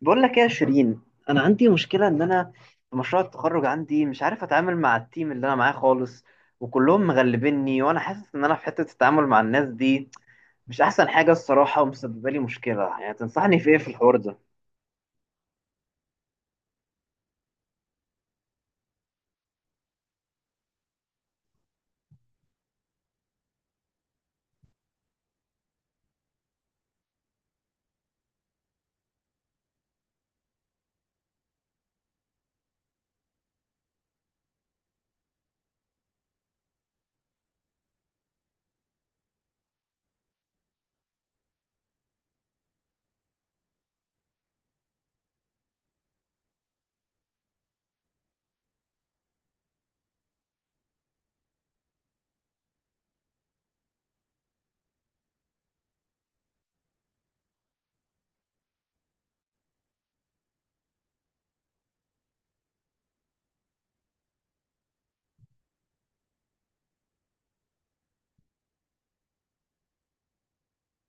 بقول لك ايه يا شيرين؟ انا عندي مشكله ان انا في مشروع التخرج عندي مش عارف اتعامل مع التيم اللي انا معاه خالص، وكلهم مغلبيني وانا حاسس ان انا في حته التعامل مع الناس دي مش احسن حاجه الصراحه، ومسببه لي مشكله. يعني تنصحني في ايه في الحوار ده؟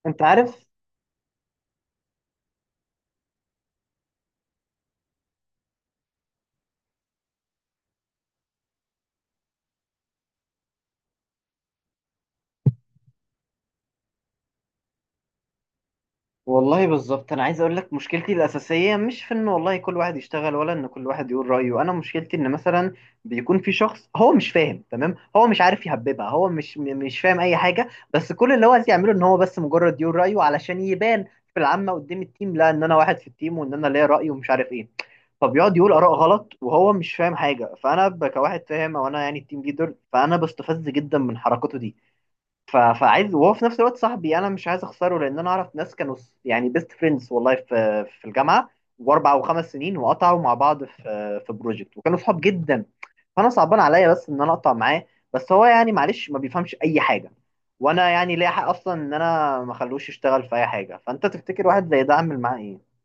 انت عارف، والله بالظبط انا عايز اقول لك مشكلتي الاساسيه مش في ان والله كل واحد يشتغل ولا ان كل واحد يقول رايه. انا مشكلتي ان مثلا بيكون في شخص هو مش فاهم تمام، هو مش عارف يهببها، هو مش فاهم اي حاجه، بس كل اللي هو عايز يعمله ان هو بس مجرد يقول رايه علشان يبان في العامه قدام التيم، لا ان انا واحد في التيم وان انا ليا راي ومش عارف ايه. فبيقعد يقول اراء غلط وهو مش فاهم حاجه، فانا كواحد فاهم او انا يعني التيم ليدر، فانا بستفز جدا من حركته دي. فعايز وهو في نفس الوقت صاحبي، انا مش عايز اخسره لان انا اعرف ناس كانوا يعني بيست فريندز والله في الجامعه و4 او 5 سنين، وقطعوا مع بعض في في بروجكت وكانوا صحاب جدا. فانا صعبان عليا بس ان انا اقطع معاه، بس هو يعني معلش ما بيفهمش اي حاجه. وانا يعني ليا حق اصلا ان انا ما اخلوش يشتغل في اي حاجه. فانت تفتكر واحد زي ده اعمل معاه ايه؟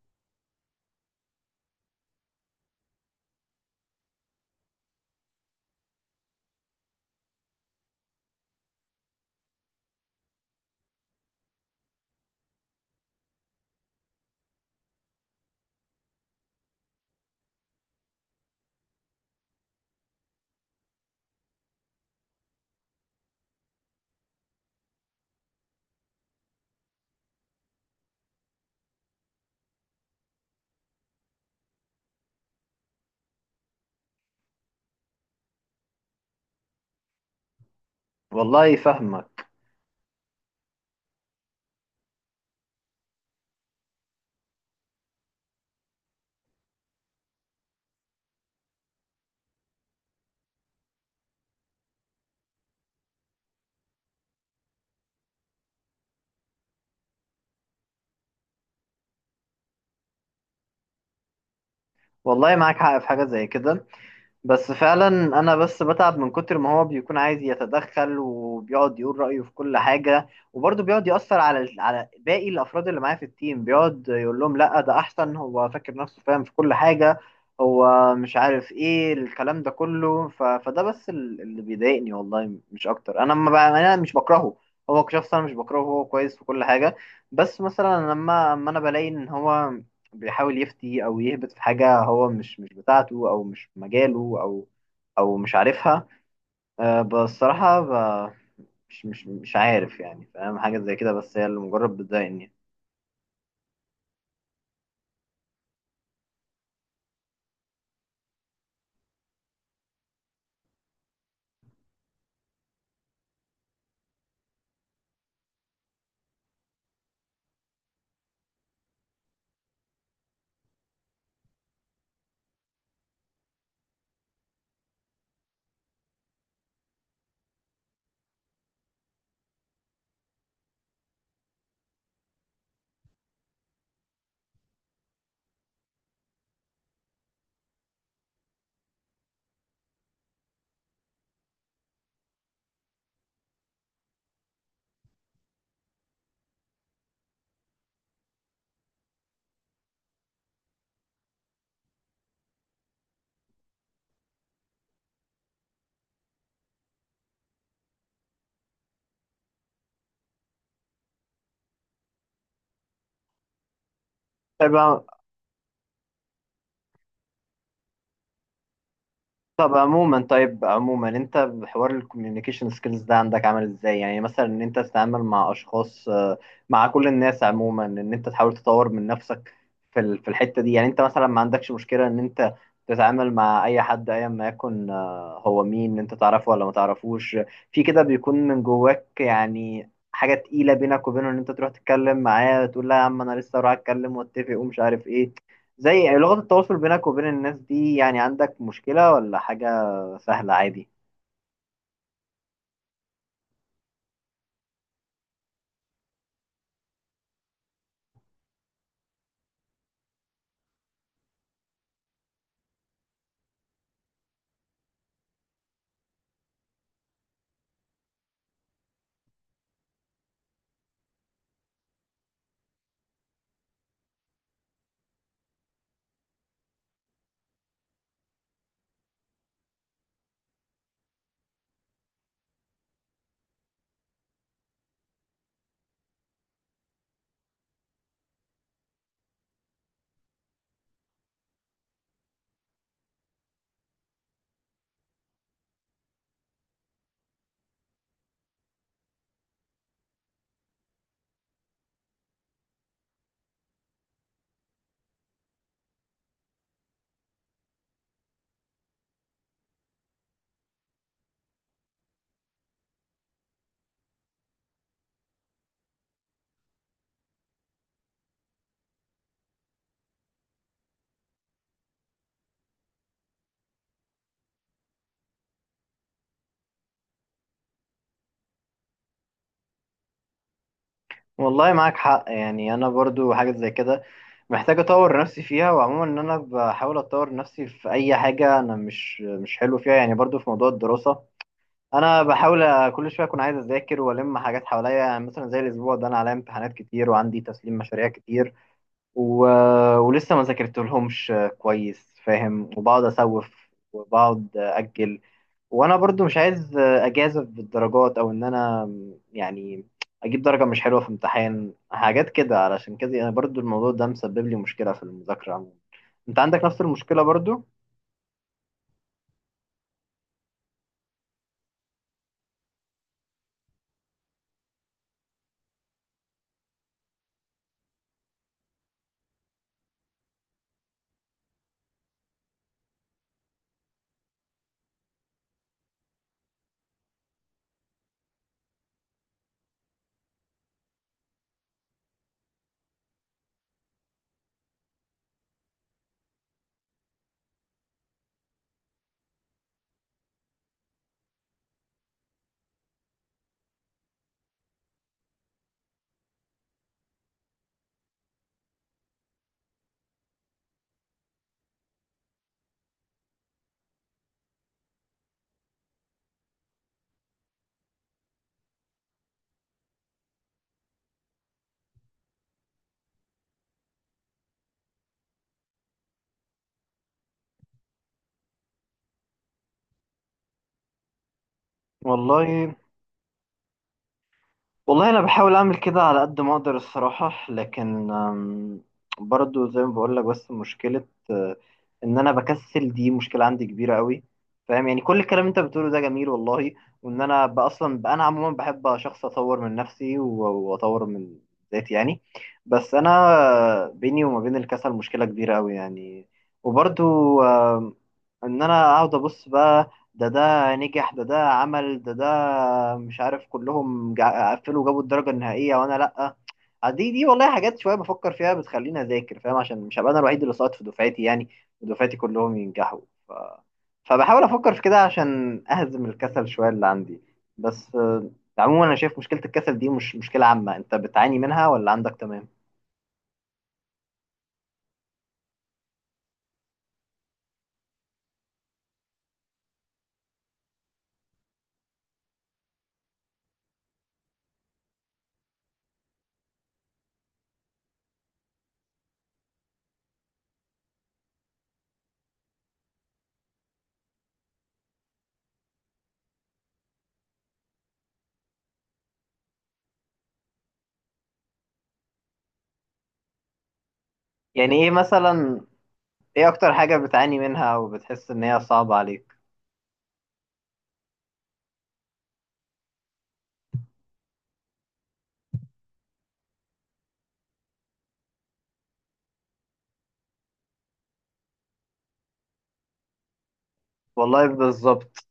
والله فاهمك. والله معاك حق في حاجه زي كده، بس فعلا انا بس بتعب من كتر ما هو بيكون عايز يتدخل وبيقعد يقول رأيه في كل حاجة، وبرضه بيقعد يأثر على على باقي الافراد اللي معاه في التيم، بيقعد يقول لهم لا ده احسن، هو فاكر نفسه فاهم في كل حاجة، هو مش عارف ايه الكلام ده كله. فده بس اللي بيضايقني والله مش اكتر. انا ما ب... انا مش بكرهه هو كشخص، انا مش بكرهه، هو كويس في كل حاجة. بس مثلا لما اما انا بلاقي ان هو بيحاول يفتي او يهبط في حاجه هو مش بتاعته او مش في مجاله او او مش عارفها. أه بصراحه مش عارف يعني فاهم حاجه زي كده، بس هي اللي مجرد بتضايقني. طيب. طب عموما طيب عموما انت بحوار الكوميونيكيشن سكيلز ده عندك عامل ازاي؟ يعني مثلا ان انت تتعامل مع اشخاص، مع كل الناس عموما، ان انت تحاول تطور من نفسك في في الحتة دي، يعني انت مثلا ما عندكش مشكلة ان انت تتعامل مع اي حد ايا ما يكن، هو مين؟ انت تعرفه ولا ما تعرفوش؟ في كده بيكون من جواك يعني حاجة تقيلة بينك وبينه ان انت تروح تتكلم معاه، تقول لا يا عم انا لسه رايح اتكلم واتفق ومش عارف ايه؟ زي لغة التواصل بينك وبين الناس دي، يعني عندك مشكلة ولا حاجة سهلة عادي؟ والله معاك حق، يعني أنا برضو حاجة زي كده محتاج أطور نفسي فيها. وعموما إن أنا بحاول أطور نفسي في أي حاجة أنا مش حلو فيها. يعني برضو في موضوع الدراسة، أنا بحاول كل شوية أكون عايز أذاكر وألم حاجات حواليا، يعني مثلا زي الأسبوع ده أنا عليا امتحانات كتير وعندي تسليم مشاريع كتير، و... ولسه ما ذاكرتلهمش كويس، فاهم؟ وبقعد أسوف وبقعد أجل. وانا برضو مش عايز اجازف بالدرجات او ان انا يعني اجيب درجة مش حلوة في امتحان حاجات كده، علشان كده انا برضو الموضوع ده مسبب لي مشكلة في المذاكرة عموما. انت عندك نفس المشكلة برضو؟ والله والله انا بحاول اعمل كده على قد ما اقدر الصراحه، لكن برضو زي ما بقول لك، بس مشكله ان انا بكسل، دي مشكله عندي كبيره قوي، فاهم؟ يعني كل الكلام انت بتقوله ده جميل والله، وان انا انا عموما بحب شخص اطور من نفسي واطور من ذاتي يعني، بس انا بيني وما بين الكسل مشكله كبيره قوي يعني. وبرضو آم، ان انا اقعد ابص بقى، ده نجح، ده عمل، ده ده مش عارف، كلهم قفلوا وجابوا الدرجة النهائية وانا لأ. دي والله حاجات شوية بفكر فيها بتخليني أذاكر، فاهم؟ عشان مش هبقى أنا الوحيد اللي ساقط في دفعتي يعني، ودفعتي كلهم ينجحوا. ف... فبحاول أفكر في كده عشان أهزم الكسل شوية اللي عندي. بس عموما أنا شايف مشكلة الكسل دي مش مشكلة عامة، أنت بتعاني منها ولا عندك تمام؟ يعني إيه مثلا إيه أكتر حاجة بتعاني منها وبتحس إن هي صعبة عليك؟ والله بالظبط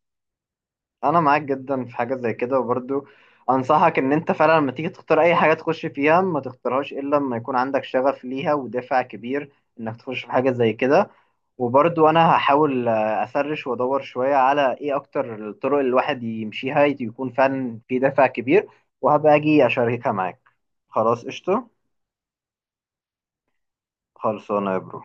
انا معاك جدا في حاجه زي كده. وبرضو انصحك ان انت فعلا لما تيجي تختار اي حاجه تخش فيها ما تختارهاش الا لما يكون عندك شغف ليها ودافع كبير انك تخش في حاجه زي كده. وبرضو انا هحاول، اسرش وادور شويه على ايه اكتر الطرق اللي الواحد يمشيها يكون فعلا في دافع كبير، وهبقى اجي اشاركها معاك. خلاص قشطه. خلصانه يا برو.